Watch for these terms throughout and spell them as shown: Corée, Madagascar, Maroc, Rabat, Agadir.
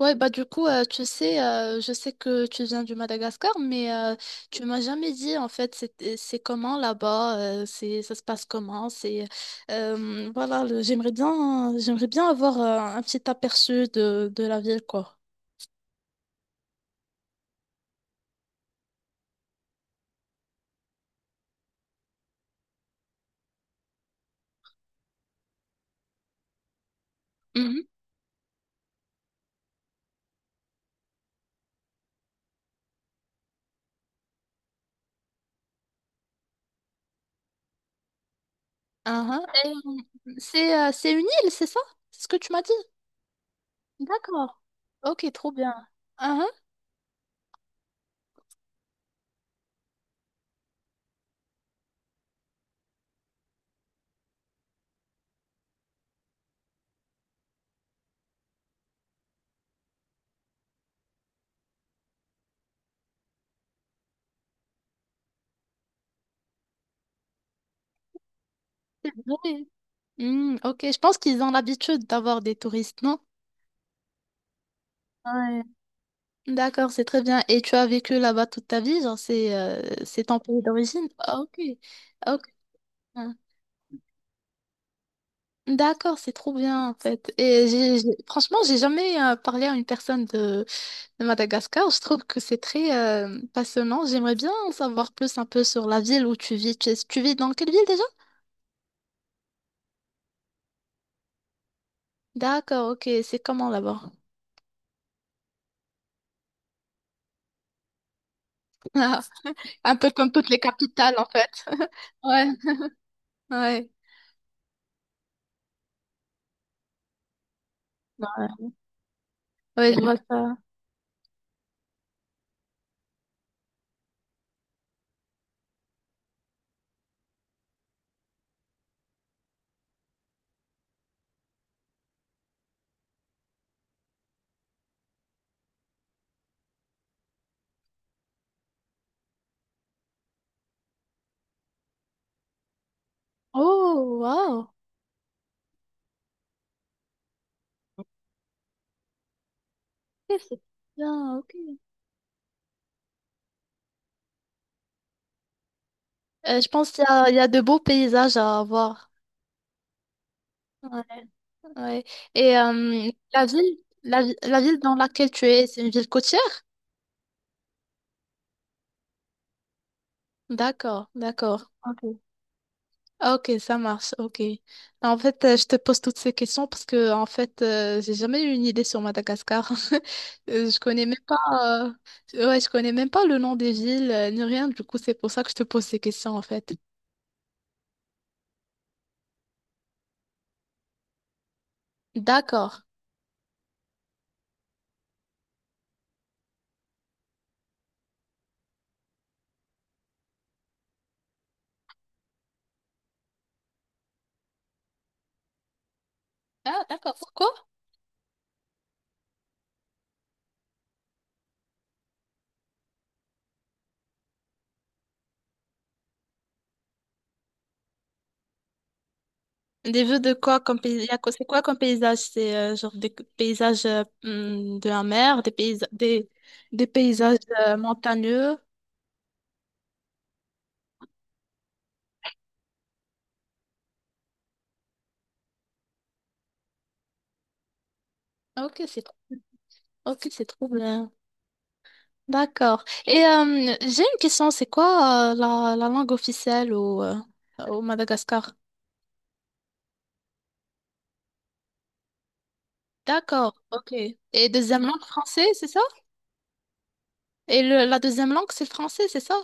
Ouais, bah du coup, tu sais, je sais que tu viens du Madagascar, mais tu m'as jamais dit en fait c'est comment là-bas, c'est ça se passe comment, j'aimerais bien avoir un petit aperçu de la ville quoi. Mhm. Uhum. C'est une île, c'est ça? C'est ce que tu m'as dit? D'accord. Ok, trop bien. Uhum. C'est vrai. Hmm, ok, je pense qu'ils ont l'habitude d'avoir des touristes, non? D'accord, c'est très bien. Et tu as vécu là-bas toute ta vie, genre c'est ton pays d'origine? Ah, ok, ok. D'accord, c'est trop bien en fait. Et franchement, j'ai jamais parlé à une personne de Madagascar. Je trouve que c'est très passionnant. J'aimerais bien en savoir plus un peu sur la ville où tu vis. Tu vis dans quelle ville déjà? D'accord, ok. C'est comment là-bas? Un peu comme toutes les capitales en fait. Ouais, ouais, ouais, je vois ça. Oh, wow. Ok, c'est bien, ok. Je pense qu'il y a de beaux paysages à voir. Ouais, ouais. Et la ville, la ville dans laquelle tu es, c'est une ville côtière? D'accord, d'accord. Ok. Ok, ça marche, ok. En fait, je te pose toutes ces questions parce que, en fait, j'ai jamais eu une idée sur Madagascar. Je connais même pas, ouais, je connais même pas le nom des villes, ni rien. Du coup, c'est pour ça que je te pose ces questions, en fait. D'accord. Ah, d'accord. Pourquoi? Des vues de quoi comme paysage? C'est quoi comme paysage? C'est genre des paysages hmm, de la mer, des paysages montagneux. Ok, c'est trop, ok, c'est trop bien. D'accord. Et j'ai une question, c'est quoi la langue officielle au Madagascar? D'accord, ok. Et deuxième langue français, c'est ça? Et la deuxième langue, c'est le français, c'est ça?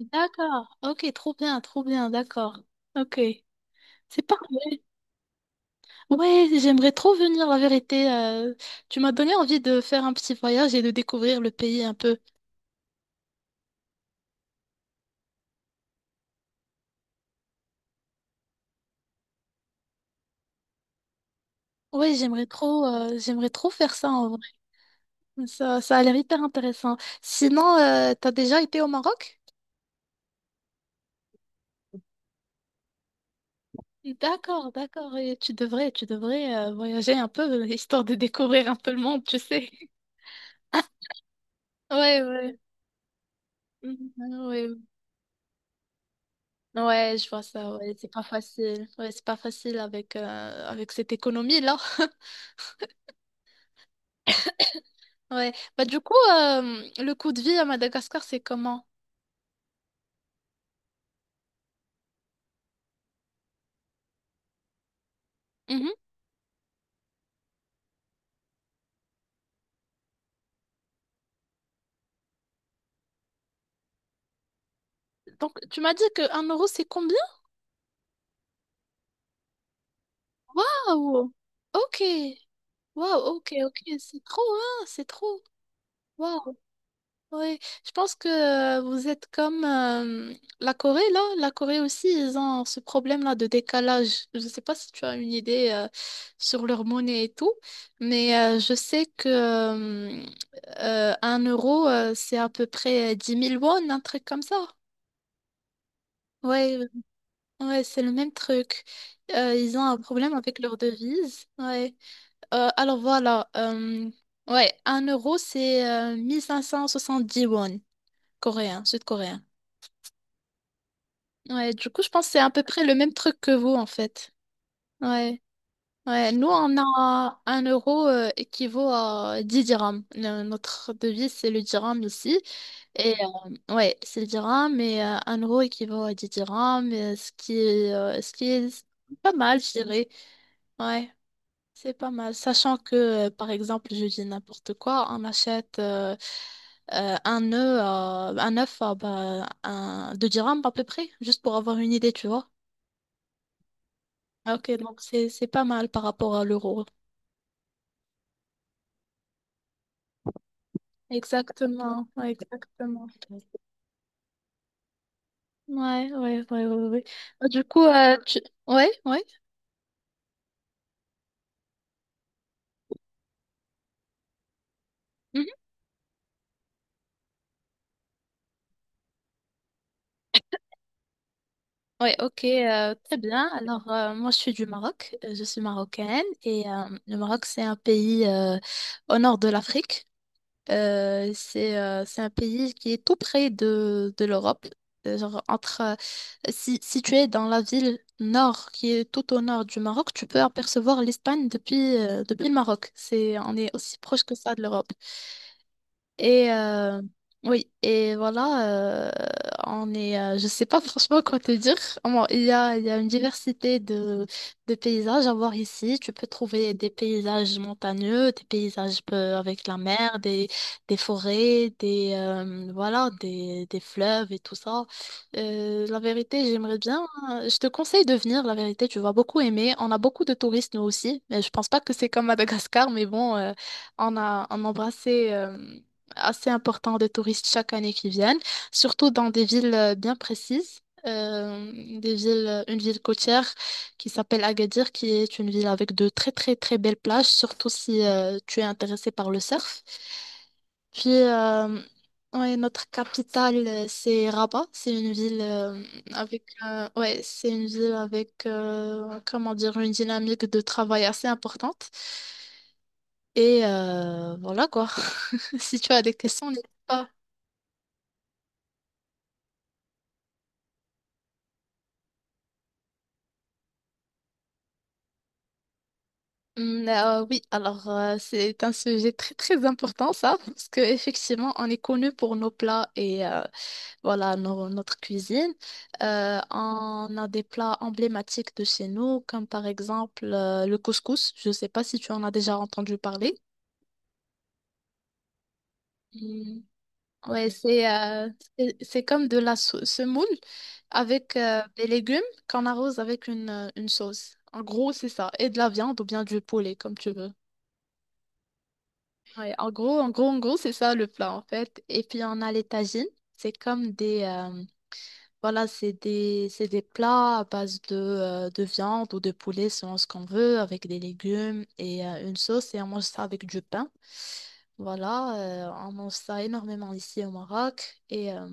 D'accord, ok, trop bien, d'accord. Ok, c'est parfait. Ouais, j'aimerais trop venir, la vérité. Tu m'as donné envie de faire un petit voyage et de découvrir le pays un peu. Ouais, j'aimerais trop faire ça en vrai. Ça a l'air hyper intéressant. Sinon, t'as déjà été au Maroc? D'accord, d'accord. Et tu devrais voyager un peu, histoire de découvrir un peu le monde, tu sais. Ouais, ouais. Mhm, ouais, ouais, je vois ça. Ouais, c'est pas facile. Ouais, c'est pas facile avec avec cette économie là. Ouais. Bah, du coup, le coût de vie à Madagascar, c'est comment? Mhm. Donc, tu m'as dit que un euro, c'est combien? Waouh! Ok. Waouh, ok, ok. C'est trop, hein? C'est trop. Waouh. Ouais. Je pense que vous êtes comme la Corée, là. La Corée aussi, ils ont ce problème-là de décalage. Je ne sais pas si tu as une idée sur leur monnaie et tout, mais je sais que 1 euro, c'est à peu près 10 000 won, un truc comme ça. Ouais, ouais, c'est le même truc. Ils ont un problème avec leur devise. Ouais. Alors voilà. Ouais, un euro, c'est dix won, coréen, sud-coréen. Ouais, du coup, je pense que c'est à peu près le même truc que vous, en fait. Ouais. Ouais, nous, on a un euro équivaut à 10 dirhams. Le- notre devise, c'est le dirham ici. Et ouais, c'est le dirham, mais un euro équivaut à 10 dirhams, ce qui est pas mal, je dirais. Ouais. C'est pas mal, sachant que, par exemple, je dis n'importe quoi, on achète un œuf à bah, un, 2 dirhams à peu près, juste pour avoir une idée, tu vois. Ah, ok, donc c'est pas mal par rapport à l'euro. Exactement. Ouais, Bah, du coup, tu... ouais, ouais, mhm. Ouais, ok, très bien. Alors, moi, je suis du Maroc, je suis marocaine, et le Maroc, c'est un pays au nord de l'Afrique. C'est un pays qui est tout près de l'Europe. Genre entre, si, si tu es dans la ville nord, qui est tout au nord du Maroc, tu peux apercevoir l'Espagne depuis, depuis le Maroc. C'est, on est aussi proche que ça de l'Europe. Et oui, et voilà, on est, je sais pas franchement quoi te dire. Bon, il y a une diversité de paysages à voir ici. Tu peux trouver des paysages montagneux, des paysages avec la mer, des forêts, des fleuves et tout ça. La vérité, j'aimerais bien. Je te conseille de venir, la vérité, tu vas beaucoup aimer. On a beaucoup de touristes, nous aussi. Mais je pense pas que c'est comme Madagascar, mais bon, on a embrassé. Assez important des touristes chaque année qui viennent, surtout dans des villes bien précises. Des villes, une ville côtière qui s'appelle Agadir, qui est une ville avec de très très très belles plages, surtout si tu es intéressé par le surf. Puis ouais, notre capitale, c'est Rabat. C'est une ville avec ouais, c'est une ville avec comment dire une dynamique de travail assez importante. Et voilà quoi. Si tu as des questions, n'hésite pas. Mm, oui, alors c'est un sujet très très important ça, parce que effectivement on est connu pour nos plats et voilà notre cuisine. On a des plats emblématiques de chez nous, comme par exemple le couscous. Je ne sais pas si tu en as déjà entendu parler. Mm. Ouais, c'est c'est comme de la semoule avec des légumes qu'on arrose avec une sauce. En gros, c'est ça. Et de la viande ou bien du poulet, comme tu veux. Ouais, en gros, c'est ça le plat en fait. Et puis on a les tagines. C'est comme des, voilà, c'est des plats à base de viande ou de poulet selon ce qu'on veut, avec des légumes et une sauce. Et on mange ça avec du pain. Voilà, on mange ça énormément ici au Maroc. Et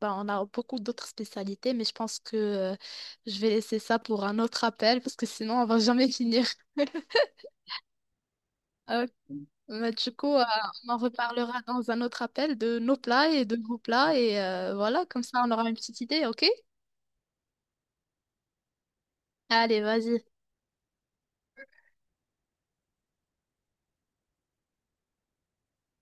ben, on a beaucoup d'autres spécialités, mais je pense que je vais laisser ça pour un autre appel parce que sinon on va jamais finir. Mais du coup, on en reparlera dans un autre appel de nos plats et de vos plats. Et voilà, comme ça, on aura une petite idée, ok? Allez, vas-y.